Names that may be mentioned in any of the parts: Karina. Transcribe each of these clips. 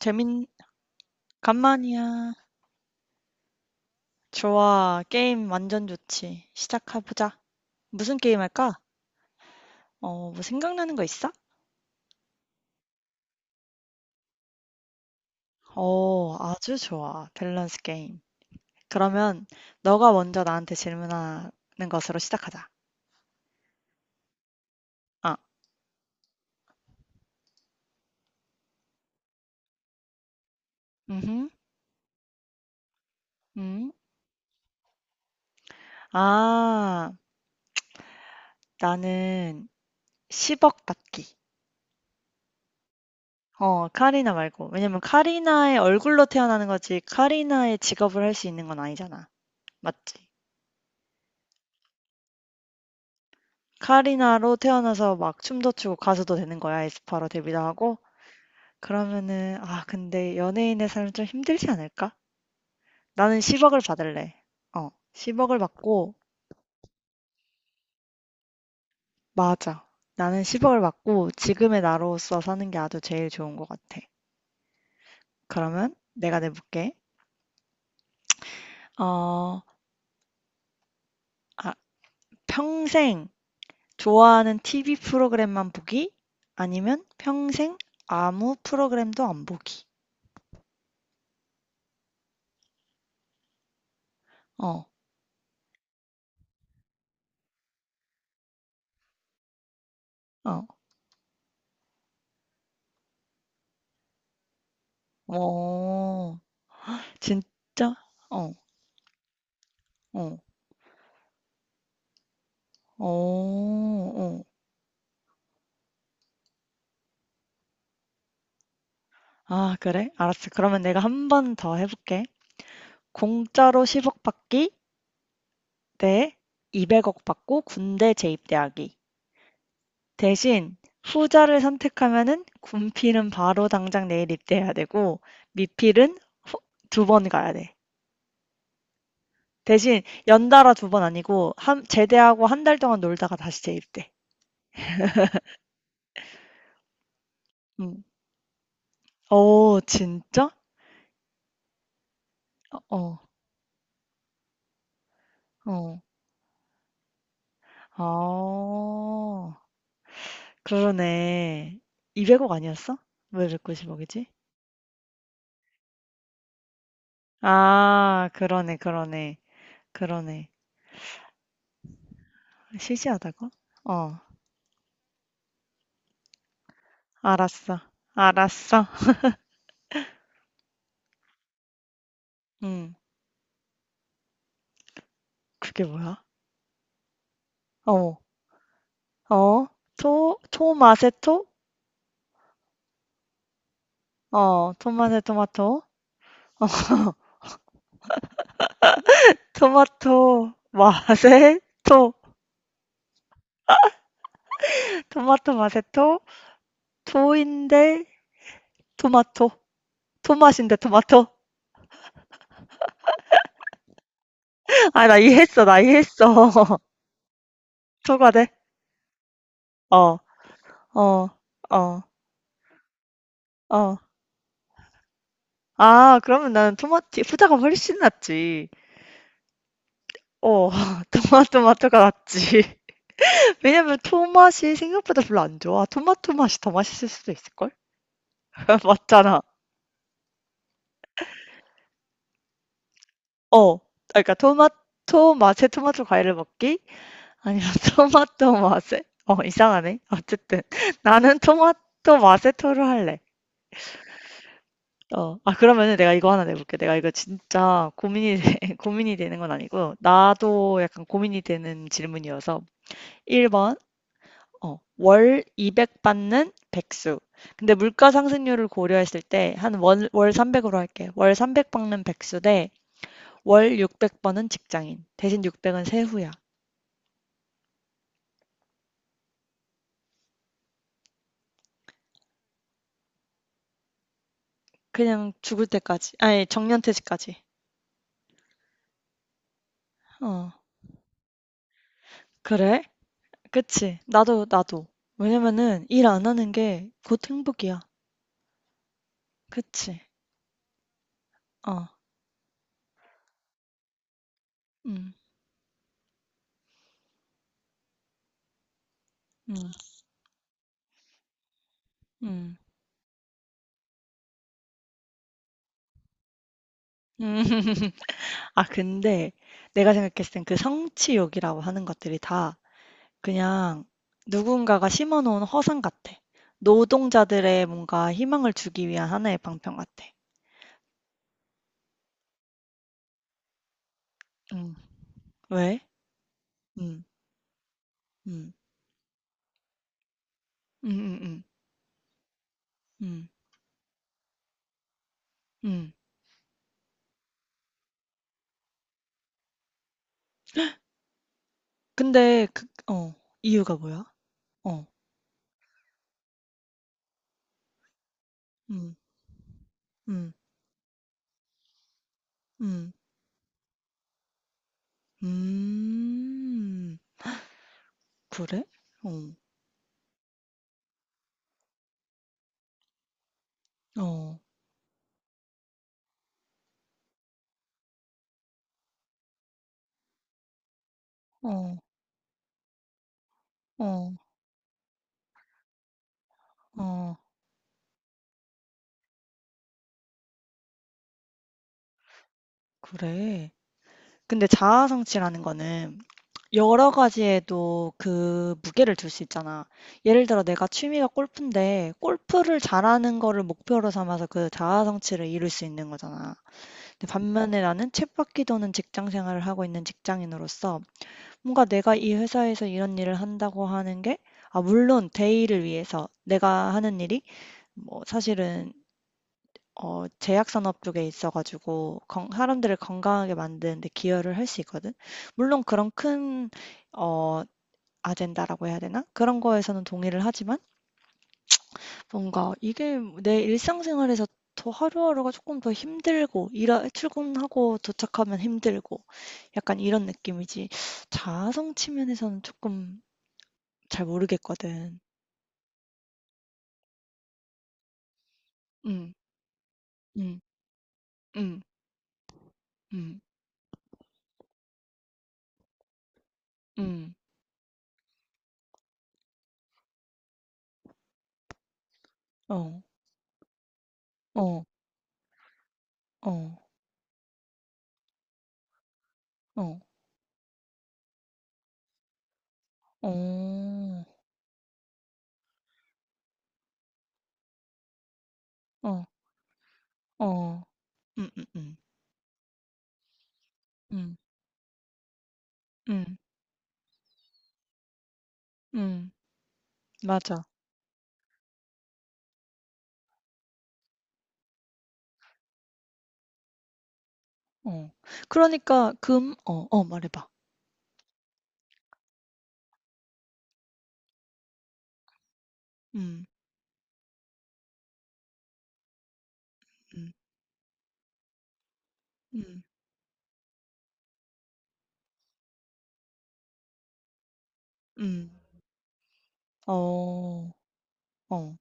재민, 간만이야. 좋아. 게임 완전 좋지. 시작해보자. 무슨 게임 할까? 뭐 생각나는 거 있어? 아주 좋아. 밸런스 게임. 그러면 너가 먼저 나한테 질문하는 것으로 시작하자. 아, 음, 음. 아, 나는 10억 받기. 카리나 말고. 왜냐면 카리나의 얼굴로 태어나는 거지, 카리나의 직업을 할 수 있는 건 아니잖아. 맞지? 카리나로 태어나서 막 춤도 추고 가수도 되는 거야. 에스파로 데뷔도 하고. 그러면은 근데 연예인의 삶은 좀 힘들지 않을까? 나는 10억을 받을래. 10억을 받고 맞아. 나는 10억을 받고 지금의 나로서 사는 게 아주 제일 좋은 것 같아. 그러면 내가 내볼게. 어, 아, 평생 좋아하는 TV 프로그램만 보기 아니면 평생 아무 프로그램도 안 보기. 어, 어. 오. 진짜? 어, 어, 어, 어. 아, 그래? 알았어. 그러면 내가 한 번 더 해볼게. 공짜로 10억 받기 대 200억 받고 군대 재입대하기. 대신 후자를 선택하면은 군필은 바로 당장 내일 입대해야 되고 미필은 두 번 가야 돼. 대신 연달아 두 번 아니고 제대하고 한 달 동안 놀다가 다시 재입대. 음. 진짜? 어, 어. 아. 그러네. 200억 아니었어? 왜 90억이지? 아, 그러네, 그러네, 그러네. 시시하다고? 어, 알았어, 알았어. 음, 그게 뭐야? 어, 어, 토, 토마세토? 토마세 토마토. 토마토, 마세, 토. 토마토 마세토. 토인데, 토마토. 토맛인데, 토마토. 아, 나 이해했어, 나 이해했어. 토가 돼? 어, 어, 어, 어. 그러면 나는 토마티 후자가 훨씬 낫지. 어 토마토마토가 낫지. 왜냐면 토맛이 생각보다 별로 안 좋아. 토마토 맛이 더 맛있을 수도 있을걸? 맞잖아. 어. 그러니까 토마토 맛에 토마토 과일을 먹기 아니면 토마토 맛에 이상하네. 어쨌든 나는 토마토 맛에 토를 할래. 그러면은 내가 이거 하나 내볼게. 내가 이거 진짜 고민이 되는 건 아니고, 나도 약간 고민이 되는 질문이어서. 1번, 월 200 받는 백수. 근데 물가 상승률을 고려했을 때 한 월 300으로 할게. 월 300 받는 백수 대 월 600 버는 직장인. 대신 600은 세후야. 그냥 죽을 때까지. 아니, 정년퇴직까지. 어, 그래? 그치. 나도, 나도. 왜냐면은 일 안 하는 게 곧 행복이야. 그치. 어, 음, 음, 음. 음. 근데 내가 생각했을 땐 그 성취욕이라고 하는 것들이 다 그냥 누군가가 심어놓은 허상 같아. 노동자들의 뭔가 희망을 주기 위한 하나의 방편 같아. 응. 왜? 응. 응. 응. 응. 응. 응. 응. 근데 이유가 뭐야? 어. 응. 응. 응. 음. 그래? 어. 어. 어. 어. 어. 그래. 근데 자아성취라는 거는 여러 가지에도 그 무게를 둘 수 있잖아. 예를 들어 내가 취미가 골프인데 골프를 잘하는 거를 목표로 삼아서 그 자아 성취를 이룰 수 있는 거잖아. 근데 반면에 나는 쳇바퀴 도는 직장 생활을 하고 있는 직장인으로서 뭔가 내가 이 회사에서 이런 일을 한다고 하는 게 물론 대의를 위해서 내가 하는 일이 뭐 사실은 제약산업 쪽에 있어가지고 사람들을 건강하게 만드는 데 기여를 할 수 있거든. 물론 그런 큰 어, 아젠다라고 해야 되나? 그런 거에서는 동의를 하지만 뭔가 이게 내 일상생활에서 더 하루하루가 조금 더 힘들고 일하 출근하고 도착하면 힘들고 약간 이런 느낌이지 자아성 측면에서는 조금 잘 모르겠거든. 음. 음. 음. 음. 음. 어. 어. 어. 어. 어. 어. 어. 음. 음. 음. 음, 음, 맞아. 어. 그러니까 금 어. 말해 봐. 음. 음. 음. 음. 어. 어.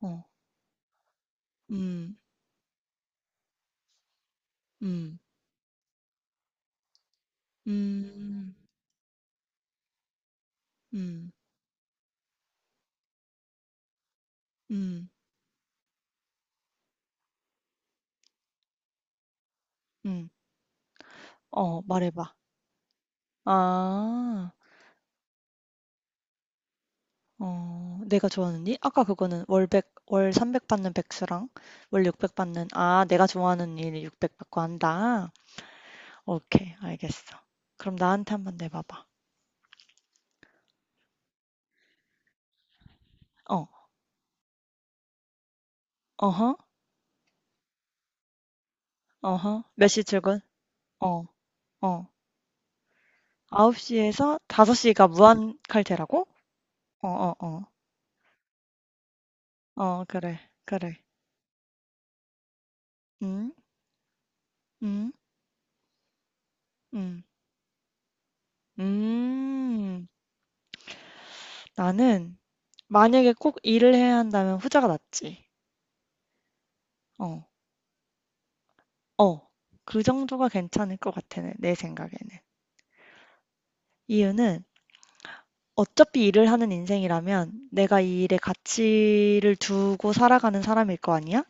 어. 음. 음. 음. 음. 음. 음. 말해 봐. 아. 내가 좋아하는 일? 아까 그거는 월백월300 받는 백수랑 월 600 받는 아, 내가 좋아하는 일 600 받고 한다. 오케이. 알겠어. 그럼 나한테 한번 내봐 봐. 어. 어허. 어허. 몇 시 출근? 어. 어. 아홉 시에서 다섯 시가 무한 칼퇴라고? 어, 어, 어. 어 그래, 그래. 음. 음. 음. 음. 나는 만약에 꼭 일을 해야 한다면 후자가 낫지. 어. 어. 그 정도가 괜찮을 것 같아. 내, 내 생각에는. 이유는 어차피 일을 하는 인생이라면 내가 이 일에 가치를 두고 살아가는 사람일 거 아니야?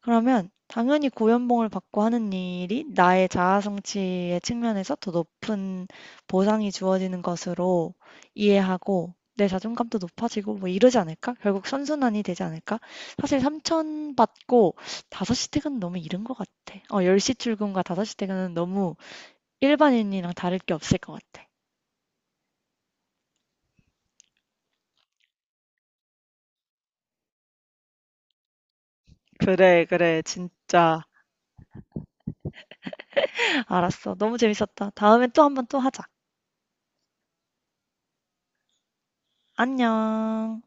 그러면 당연히 고연봉을 받고 하는 일이 나의 자아 성취의 측면에서 더 높은 보상이 주어지는 것으로 이해하고 내 자존감도 높아지고 뭐 이러지 않을까? 결국 선순환이 되지 않을까? 사실 3천 받고 5시 퇴근은 너무 이른 것 같아. 10시 출근과 5시 퇴근은 너무 일반인이랑 다를 게 없을 것 같아. 그래, 그래, 진짜. 알았어. 너무 재밌었다. 다음에 또 한번 또 하자. 안녕.